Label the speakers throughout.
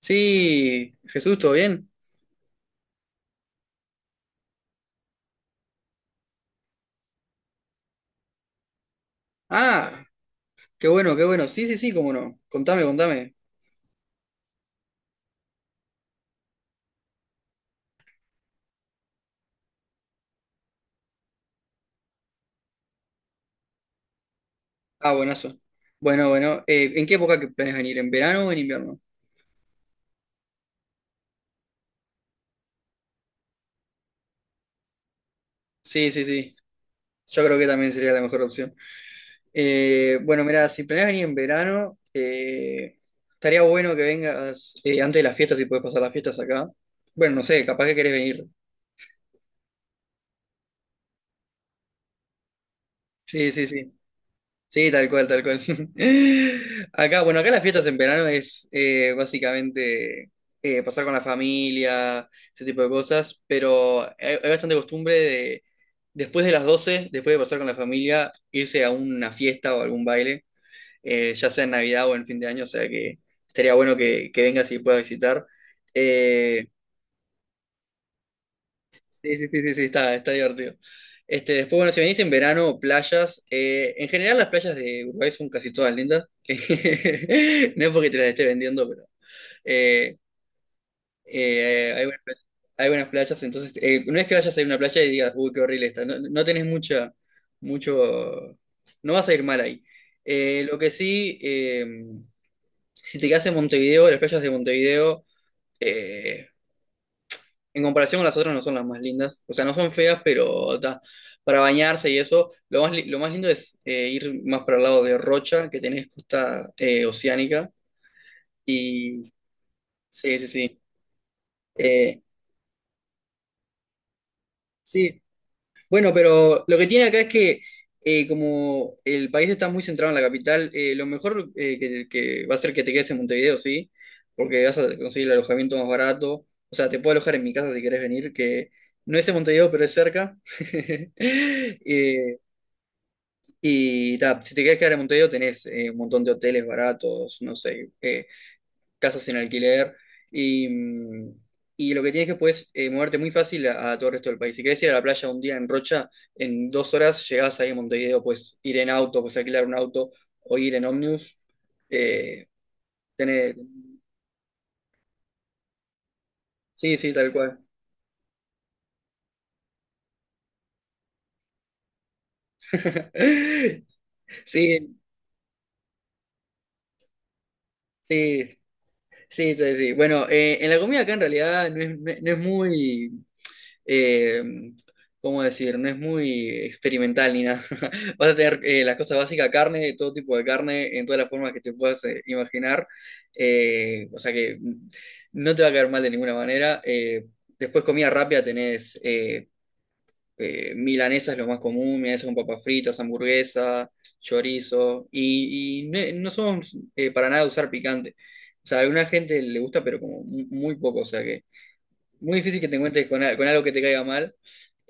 Speaker 1: Sí, Jesús, ¿todo bien? Ah, qué bueno, qué bueno. Sí, sí, sí, cómo no. Contame, contame. Ah, buenazo. Bueno, bueno. ¿En qué época que planeas venir? ¿En verano o en invierno? Sí, sí, sí. Yo creo que también sería la mejor opción. Bueno, mira, si planeas venir en verano, estaría bueno que vengas antes de las fiestas, si puedes pasar las fiestas acá. Bueno, no sé, capaz que querés venir. Sí, sí, sí. Sí, tal cual, tal cual. Acá, bueno, acá las fiestas en verano es básicamente pasar con la familia, ese tipo de cosas, pero hay bastante costumbre de, después de las 12, después de pasar con la familia, irse a una fiesta o algún baile, ya sea en Navidad o en fin de año, o sea que estaría bueno que vengas y puedas visitar. Eh, Sí, sí, sí, sí, sí, está divertido. Este, después, bueno, si venís en verano, playas, en general las playas de Uruguay son casi todas lindas. No es porque te las esté vendiendo, pero eh, eh, hay buenas playas, hay buenas playas, entonces no es que vayas a ir a una playa y digas, uy, qué horrible está. No, no tenés mucha, mucho, no vas a ir mal ahí. Lo que sí, si te quedas en Montevideo, las playas de Montevideo eh, en comparación con las otras no son las más lindas. O sea, no son feas, pero ta, para bañarse y eso, lo más, lo más lindo es ir más para el lado de Rocha, que tenés costa oceánica. Y sí, sí, sí. Eh, sí. Bueno, pero lo que tiene acá es que como el país está muy centrado en la capital, lo mejor que va a ser que te quedes en Montevideo, sí, porque vas a conseguir el alojamiento más barato. O sea, te puedo alojar en mi casa si querés venir, que no es en Montevideo, pero es cerca. Eh, Y ta, si te querés quedar en Montevideo tenés un montón de hoteles baratos, no sé, casas en alquiler y, y lo que tienes que puedes moverte muy fácil a todo el resto del país. Si querés ir a la playa un día en Rocha, en 2 horas llegás ahí a Montevideo, puedes ir en auto, puedes alquilar un auto o ir en ómnibus. Eh, tenés- Sí, sí, tal cual. Sí, sí, sí, sí, sí. Bueno, en la comida acá en realidad no es muy, eh, ¿cómo decir? No es muy experimental ni nada. Vas a tener las cosas básicas, carne, todo tipo de carne, en todas las formas que te puedas imaginar. O sea que no te va a caer mal de ninguna manera. Después comida rápida tenés milanesa es lo más común, milanesa con papas fritas, hamburguesa, chorizo. No somos para nada de usar picante. O sea, a alguna gente le gusta, pero como muy poco. O sea que muy difícil que te encuentres con, con algo que te caiga mal.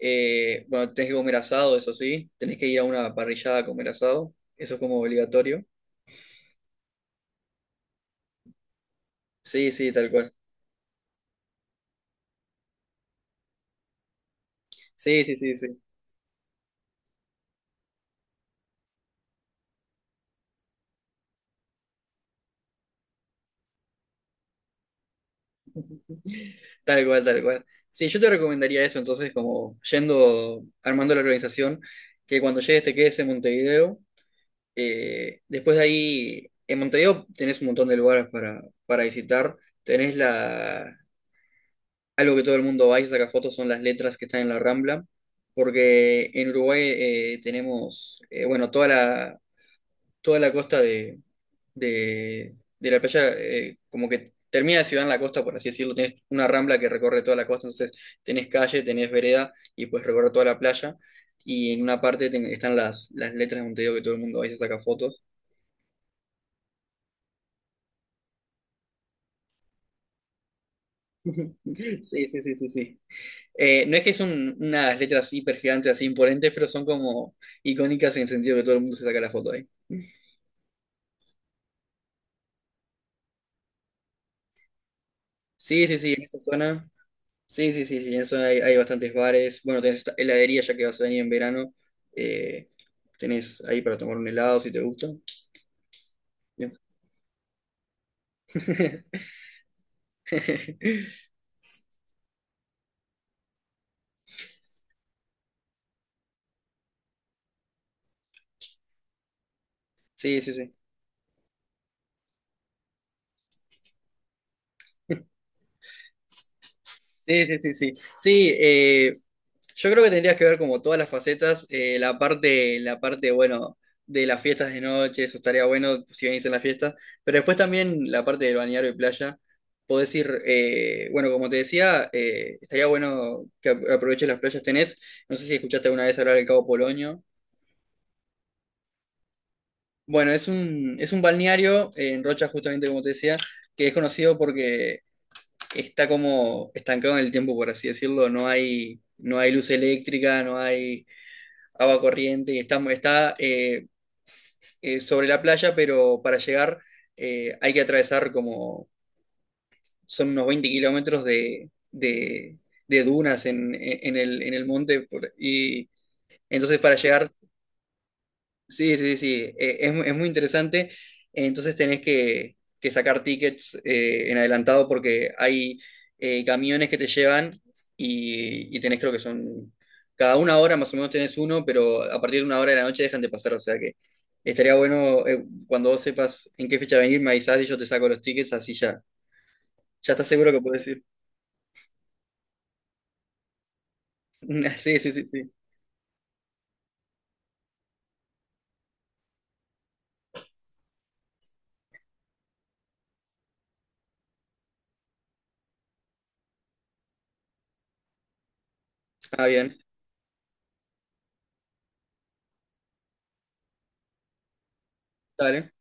Speaker 1: Bueno, tenés que comer asado, eso sí. Tenés que ir a una parrillada a comer asado. Eso es como obligatorio. Sí, sí, tal cual. Sí, sí, sí, sí. Tal cual, tal cual. Sí, yo te recomendaría eso, entonces, como yendo, armando la organización, que cuando llegues te quedes en Montevideo. Después de ahí, en Montevideo tenés un montón de lugares para visitar. Tenés la, Algo que todo el mundo va y saca fotos son las letras que están en la Rambla, porque en Uruguay tenemos, bueno, toda la costa de de la playa, como que termina la ciudad en la costa, por así decirlo, tenés una Rambla que recorre toda la costa, entonces tenés calle, tenés vereda y puedes recorrer toda la playa, y en una parte están las letras de Montevideo que todo el mundo va y se saca fotos. Sí, sí, sí, sí, sí. No es que son unas letras hiper gigantes así imponentes, pero son como icónicas en el sentido que todo el mundo se saca la foto ahí. Sí, sí, sí, en esa zona. Sí, sí, sí, sí, en esa zona hay bastantes bares. Bueno, tenés esta heladería ya que vas a venir en verano. Eh, Tenés ahí para tomar un helado si te gusta. Bien. Sí, sí, sí. Sí, sí, sí, sí. Sí, yo creo que tendrías que ver como todas las facetas, la parte, bueno, de las fiestas de noche, eso estaría bueno si venís en la fiesta, pero después también la parte del balneario y playa, podés ir, bueno, como te decía, estaría bueno que aproveches las playas tenés, no sé si escuchaste alguna vez hablar del Cabo Polonio, bueno, es un balneario en Rocha, justamente como te decía, que es conocido porque está como estancado en el tiempo, por así decirlo, no hay, no hay luz eléctrica, no hay agua corriente, estamos, está sobre la playa, pero para llegar hay que atravesar como, son unos 20 kilómetros de, de dunas en el monte, y entonces para llegar. Sí, sí, sí, es, es muy interesante. Entonces tenés que sacar tickets en adelantado porque hay camiones que te llevan y tenés creo que son, cada una hora más o menos tenés uno, pero a partir de una hora de la noche dejan de pasar. O sea que estaría bueno cuando vos sepas en qué fecha venir, me avisás y yo te saco los tickets, así ya, ya estás seguro que podés ir. Sí, sí, sí, sí. Ah, bien, dale.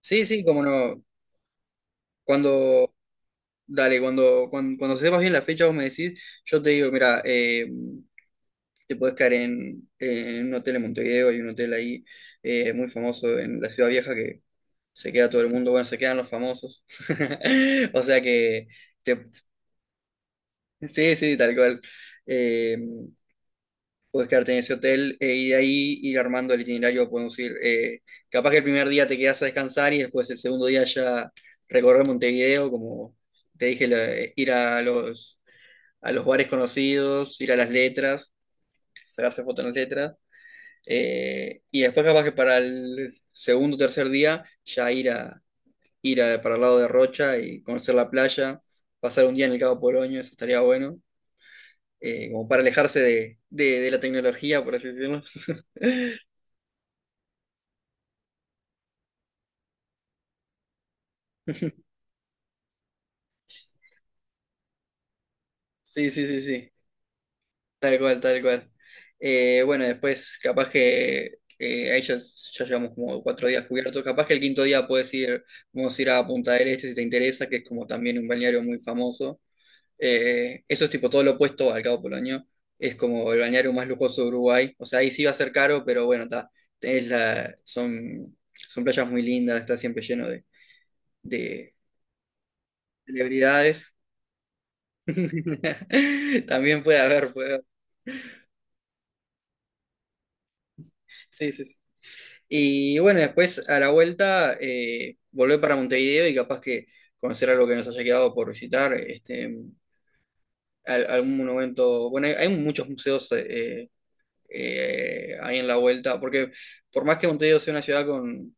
Speaker 1: Sí, sí, como no. Cuando, Dale, cuando sepas bien la fecha, vos me decís, yo te digo, mira, te podés quedar en un hotel en Montevideo, hay un hotel ahí muy famoso en la Ciudad Vieja que se queda todo el mundo, bueno, se quedan los famosos. O sea que, te- sí, sí, tal cual. Eh, Podés quedarte en ese hotel y de ahí ir armando el itinerario, podemos ir, capaz que el primer día te quedas a descansar y después el segundo día ya recorrer Montevideo, como te dije, ir a los a los bares conocidos, ir a las letras, sacarse fotos en las letras. Y después capaz que para el segundo o tercer día ya ir a para el lado de Rocha y conocer la playa, pasar un día en el Cabo Polonio, eso estaría bueno, como para alejarse de, de la tecnología, por así decirlo. Sí, sí, sí, sí. Tal cual, tal cual. Bueno, después capaz que ahí ya, ya llevamos como 4 días cubiertos. Capaz que el quinto día puedes ir, vamos a ir a Punta del Este si te interesa, que es como también un balneario muy famoso. Eso es tipo todo lo opuesto al Cabo Polonio. Es como el balneario más lujoso de Uruguay. O sea, ahí sí va a ser caro, pero bueno, está. Son, son playas muy lindas, está siempre lleno de celebridades. También puede haber, puede haber. Sí, sí, sí. Y bueno, después a la vuelta volver para Montevideo y capaz que conocer algo que nos haya quedado por visitar, este, algún monumento. Bueno, hay muchos museos ahí en la vuelta, porque por más que Montevideo sea una ciudad con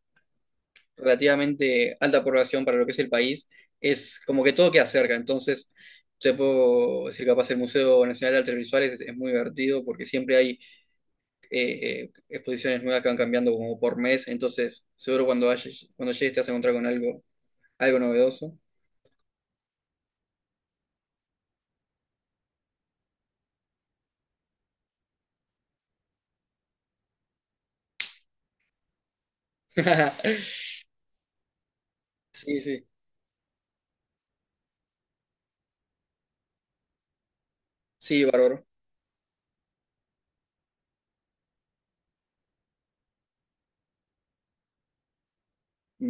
Speaker 1: relativamente alta población para lo que es el país, es como que todo queda cerca. Entonces, te puedo decir capaz el Museo Nacional de Artes Visuales es muy divertido porque siempre hay exposiciones nuevas que van cambiando como por mes, entonces seguro cuando, cuando llegues te vas a encontrar con algo, algo novedoso. Sí, sí, sí, bárbaro,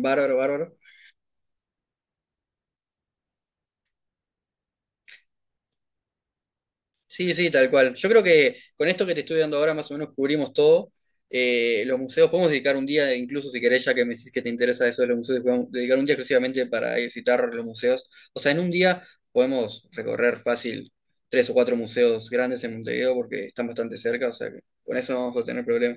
Speaker 1: bárbaro, bárbaro. Sí, sí, tal cual. Yo creo que con esto que te estoy dando ahora más o menos cubrimos todo. Los museos, podemos dedicar un día, incluso si querés, ya que me decís que te interesa eso de los museos, podemos dedicar un día exclusivamente para ir a visitar los museos. O sea, en un día podemos recorrer fácil tres o cuatro museos grandes en Montevideo porque están bastante cerca, o sea que con eso no vamos a tener problema.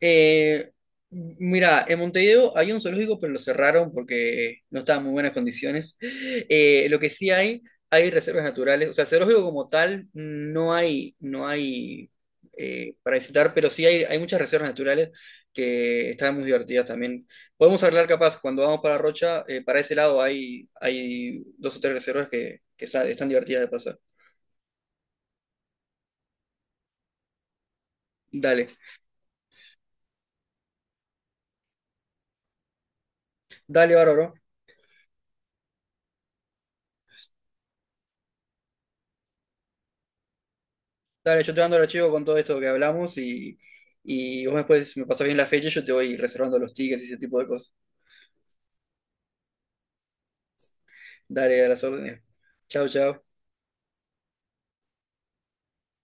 Speaker 1: Eh, Mira, en Montevideo había un zoológico, pero lo cerraron porque no estaba en muy buenas condiciones. Lo que sí hay reservas naturales. O sea, zoológico como tal, no hay, no hay para visitar, pero sí hay muchas reservas naturales que están muy divertidas también. Podemos hablar capaz, cuando vamos para Rocha, para ese lado hay, hay dos o tres reservas que, están divertidas de pasar. Dale, dale, bárbaro. Dale, yo te mando el archivo con todo esto que hablamos y vos después me pasás bien la fecha y yo te voy reservando los tickets y ese tipo de cosas. Dale, a las órdenes. Chao, chao.